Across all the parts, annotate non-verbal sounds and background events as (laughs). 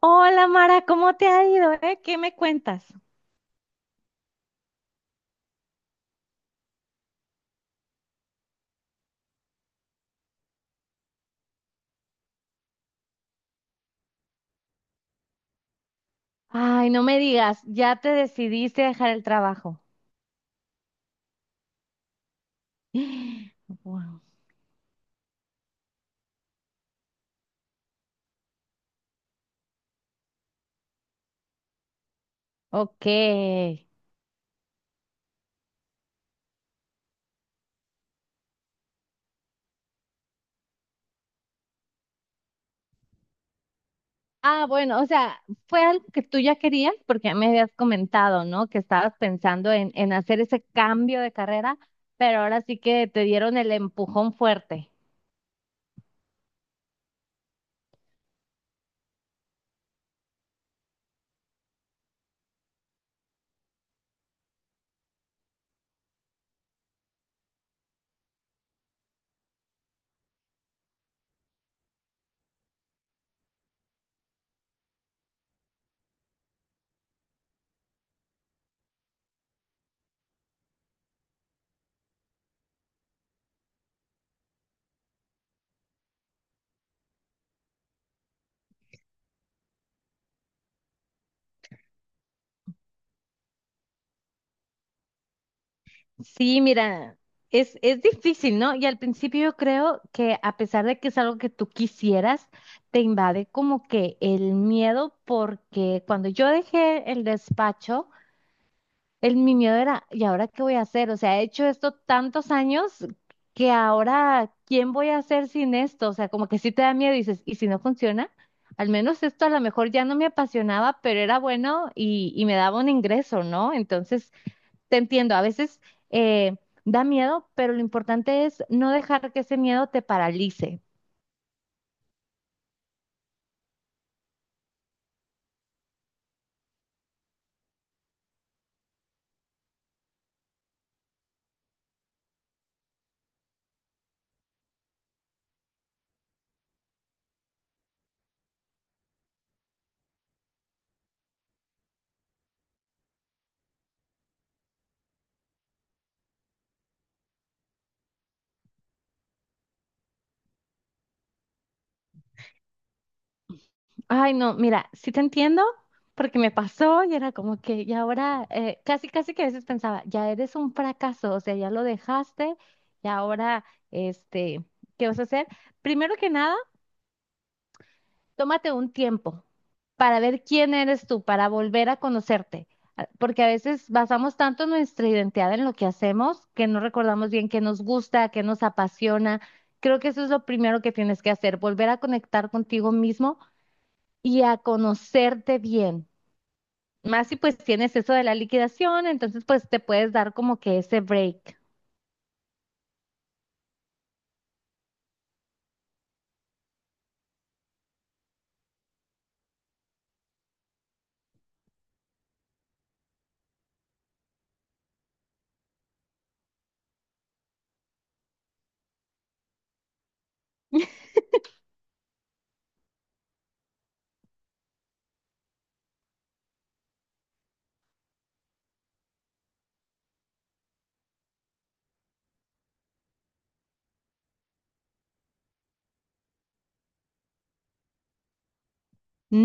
Hola Mara, ¿cómo te ha ido, ¿Qué me cuentas? Ay, no me digas, ya te decidiste a dejar el trabajo. (gasps) Wow. Ok. Ah, bueno, o sea, fue algo que tú ya querías porque ya me habías comentado, ¿no? Que estabas pensando en hacer ese cambio de carrera, pero ahora sí que te dieron el empujón fuerte. Sí, mira, es difícil, ¿no? Y al principio yo creo que a pesar de que es algo que tú quisieras, te invade como que el miedo, porque cuando yo dejé el despacho, mi miedo era, ¿y ahora qué voy a hacer? O sea, he hecho esto tantos años que ahora, ¿quién voy a hacer sin esto? O sea, como que sí te da miedo y dices, ¿y si no funciona? Al menos esto a lo mejor ya no me apasionaba, pero era bueno y me daba un ingreso, ¿no? Entonces… Te entiendo, a veces eh, da miedo, pero lo importante es no dejar que ese miedo te paralice. Ay, no, mira, sí te entiendo, porque me pasó y era como que, y ahora, casi, casi que a veces pensaba, ya eres un fracaso, o sea, ya lo dejaste, y ahora, este, ¿qué vas a hacer? Primero que nada, tómate un tiempo para ver quién eres tú, para volver a conocerte, porque a veces basamos tanto nuestra identidad en lo que hacemos que no recordamos bien qué nos gusta, qué nos apasiona. Creo que eso es lo primero que tienes que hacer, volver a conectar contigo mismo y a conocerte bien. Más si pues tienes eso de la liquidación, entonces pues te puedes dar como que ese break.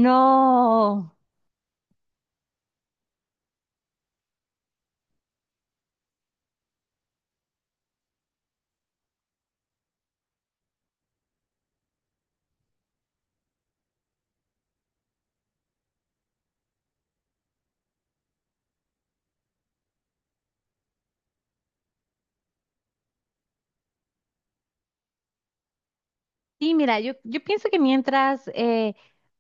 No. Sí, mira, yo pienso que mientras…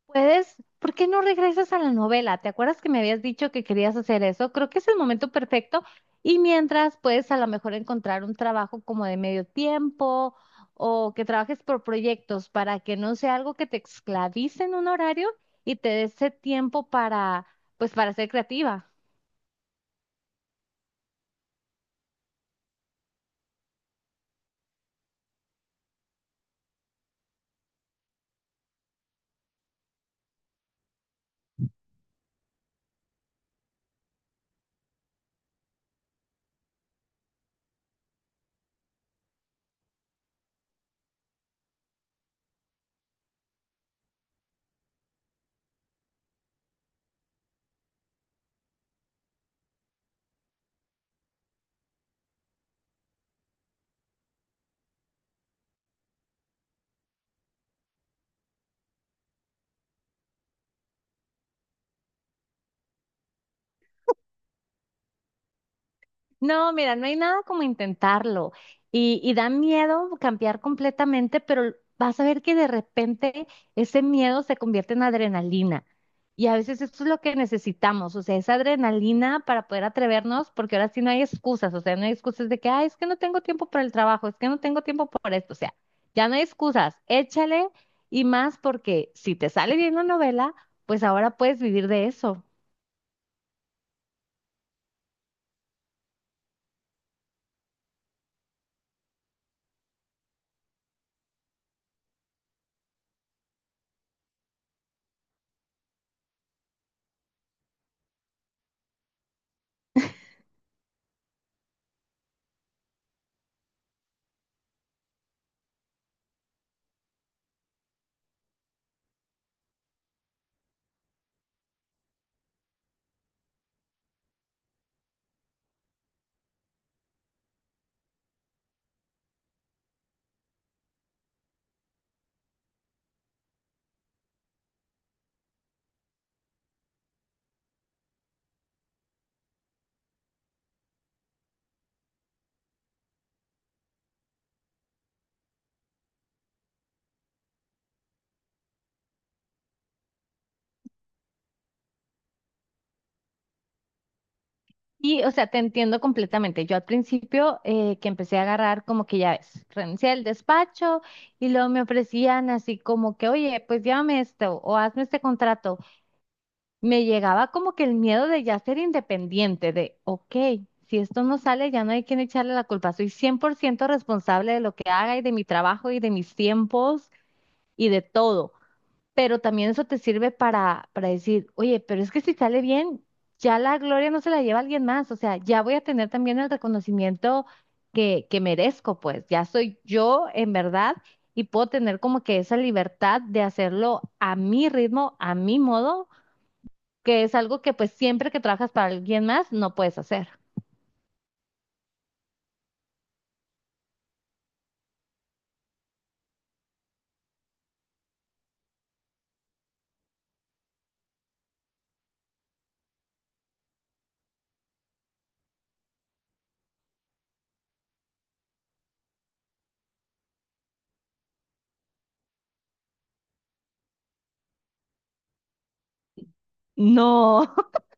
¿Puedes? ¿Por qué no regresas a la novela? ¿Te acuerdas que me habías dicho que querías hacer eso? Creo que es el momento perfecto. Y mientras puedes a lo mejor encontrar un trabajo como de medio tiempo o que trabajes por proyectos para que no sea algo que te esclavice en un horario y te dé ese tiempo para, pues, para ser creativa. No, mira, no hay nada como intentarlo. Y da miedo cambiar completamente, pero vas a ver que de repente ese miedo se convierte en adrenalina. Y a veces esto es lo que necesitamos, o sea, esa adrenalina para poder atrevernos, porque ahora sí no hay excusas, o sea, no hay excusas de que, ay, es que no tengo tiempo para el trabajo, es que no tengo tiempo para esto, o sea, ya no hay excusas, échale y más porque si te sale bien la novela, pues ahora puedes vivir de eso. Y, o sea, te entiendo completamente. Yo al principio que empecé a agarrar como que ya ves, renuncié al despacho y luego me ofrecían así como que, oye, pues llévame esto o hazme este contrato. Me llegaba como que el miedo de ya ser independiente, de, ok, si esto no sale, ya no hay quien echarle la culpa. Soy 100% responsable de lo que haga y de mi trabajo y de mis tiempos y de todo, pero también eso te sirve para decir, oye, pero es que si sale bien, ya la gloria no se la lleva alguien más, o sea, ya voy a tener también el reconocimiento que merezco, pues ya soy yo en verdad y puedo tener como que esa libertad de hacerlo a mi ritmo, a mi modo, que es algo que pues siempre que trabajas para alguien más no puedes hacer. No, (laughs)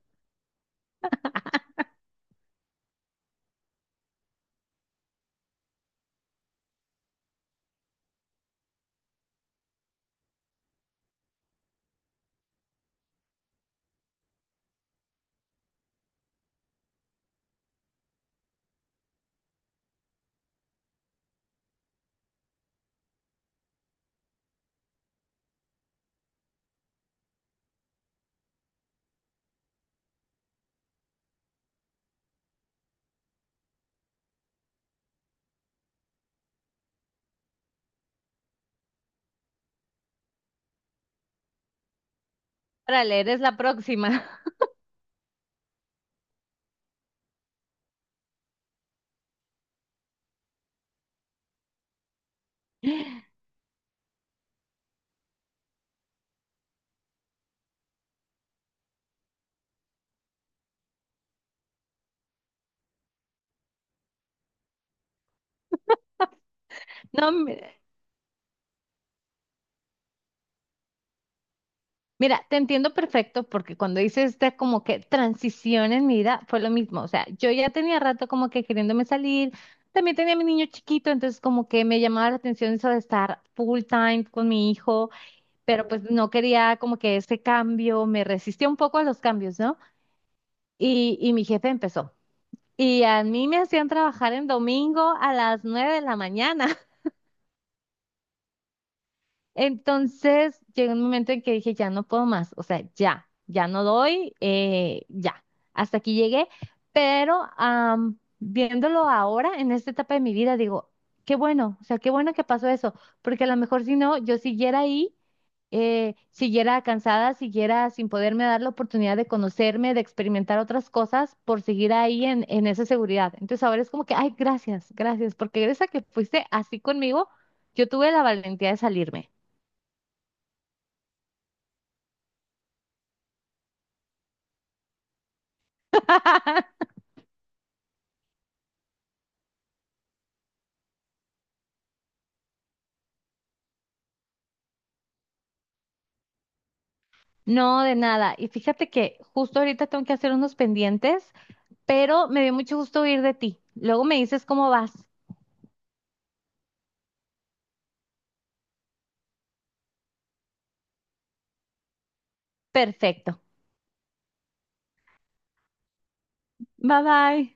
para leer es la próxima. (laughs) No, mira, te entiendo perfecto porque cuando hice esta como que transición en mi vida fue lo mismo. O sea, yo ya tenía rato como que queriéndome salir. También tenía a mi niño chiquito, entonces como que me llamaba la atención eso de estar full time con mi hijo, pero pues no quería como que ese cambio, me resistía un poco a los cambios, ¿no? Y mi jefe empezó. Y a mí me hacían trabajar en domingo a las nueve de la mañana. Entonces llegó un momento en que dije, ya no puedo más, o sea, ya, ya no doy, ya, hasta aquí llegué, pero viéndolo ahora, en esta etapa de mi vida, digo, qué bueno, o sea, qué bueno que pasó eso, porque a lo mejor si no, yo siguiera ahí, siguiera cansada, siguiera sin poderme dar la oportunidad de conocerme, de experimentar otras cosas, por seguir ahí en esa seguridad. Entonces ahora es como que, ay, gracias, gracias, porque gracias a que fuiste así conmigo, yo tuve la valentía de salirme. No, de nada. Y fíjate que justo ahorita tengo que hacer unos pendientes, pero me dio mucho gusto oír de ti. Luego me dices cómo vas. Perfecto. Bye bye.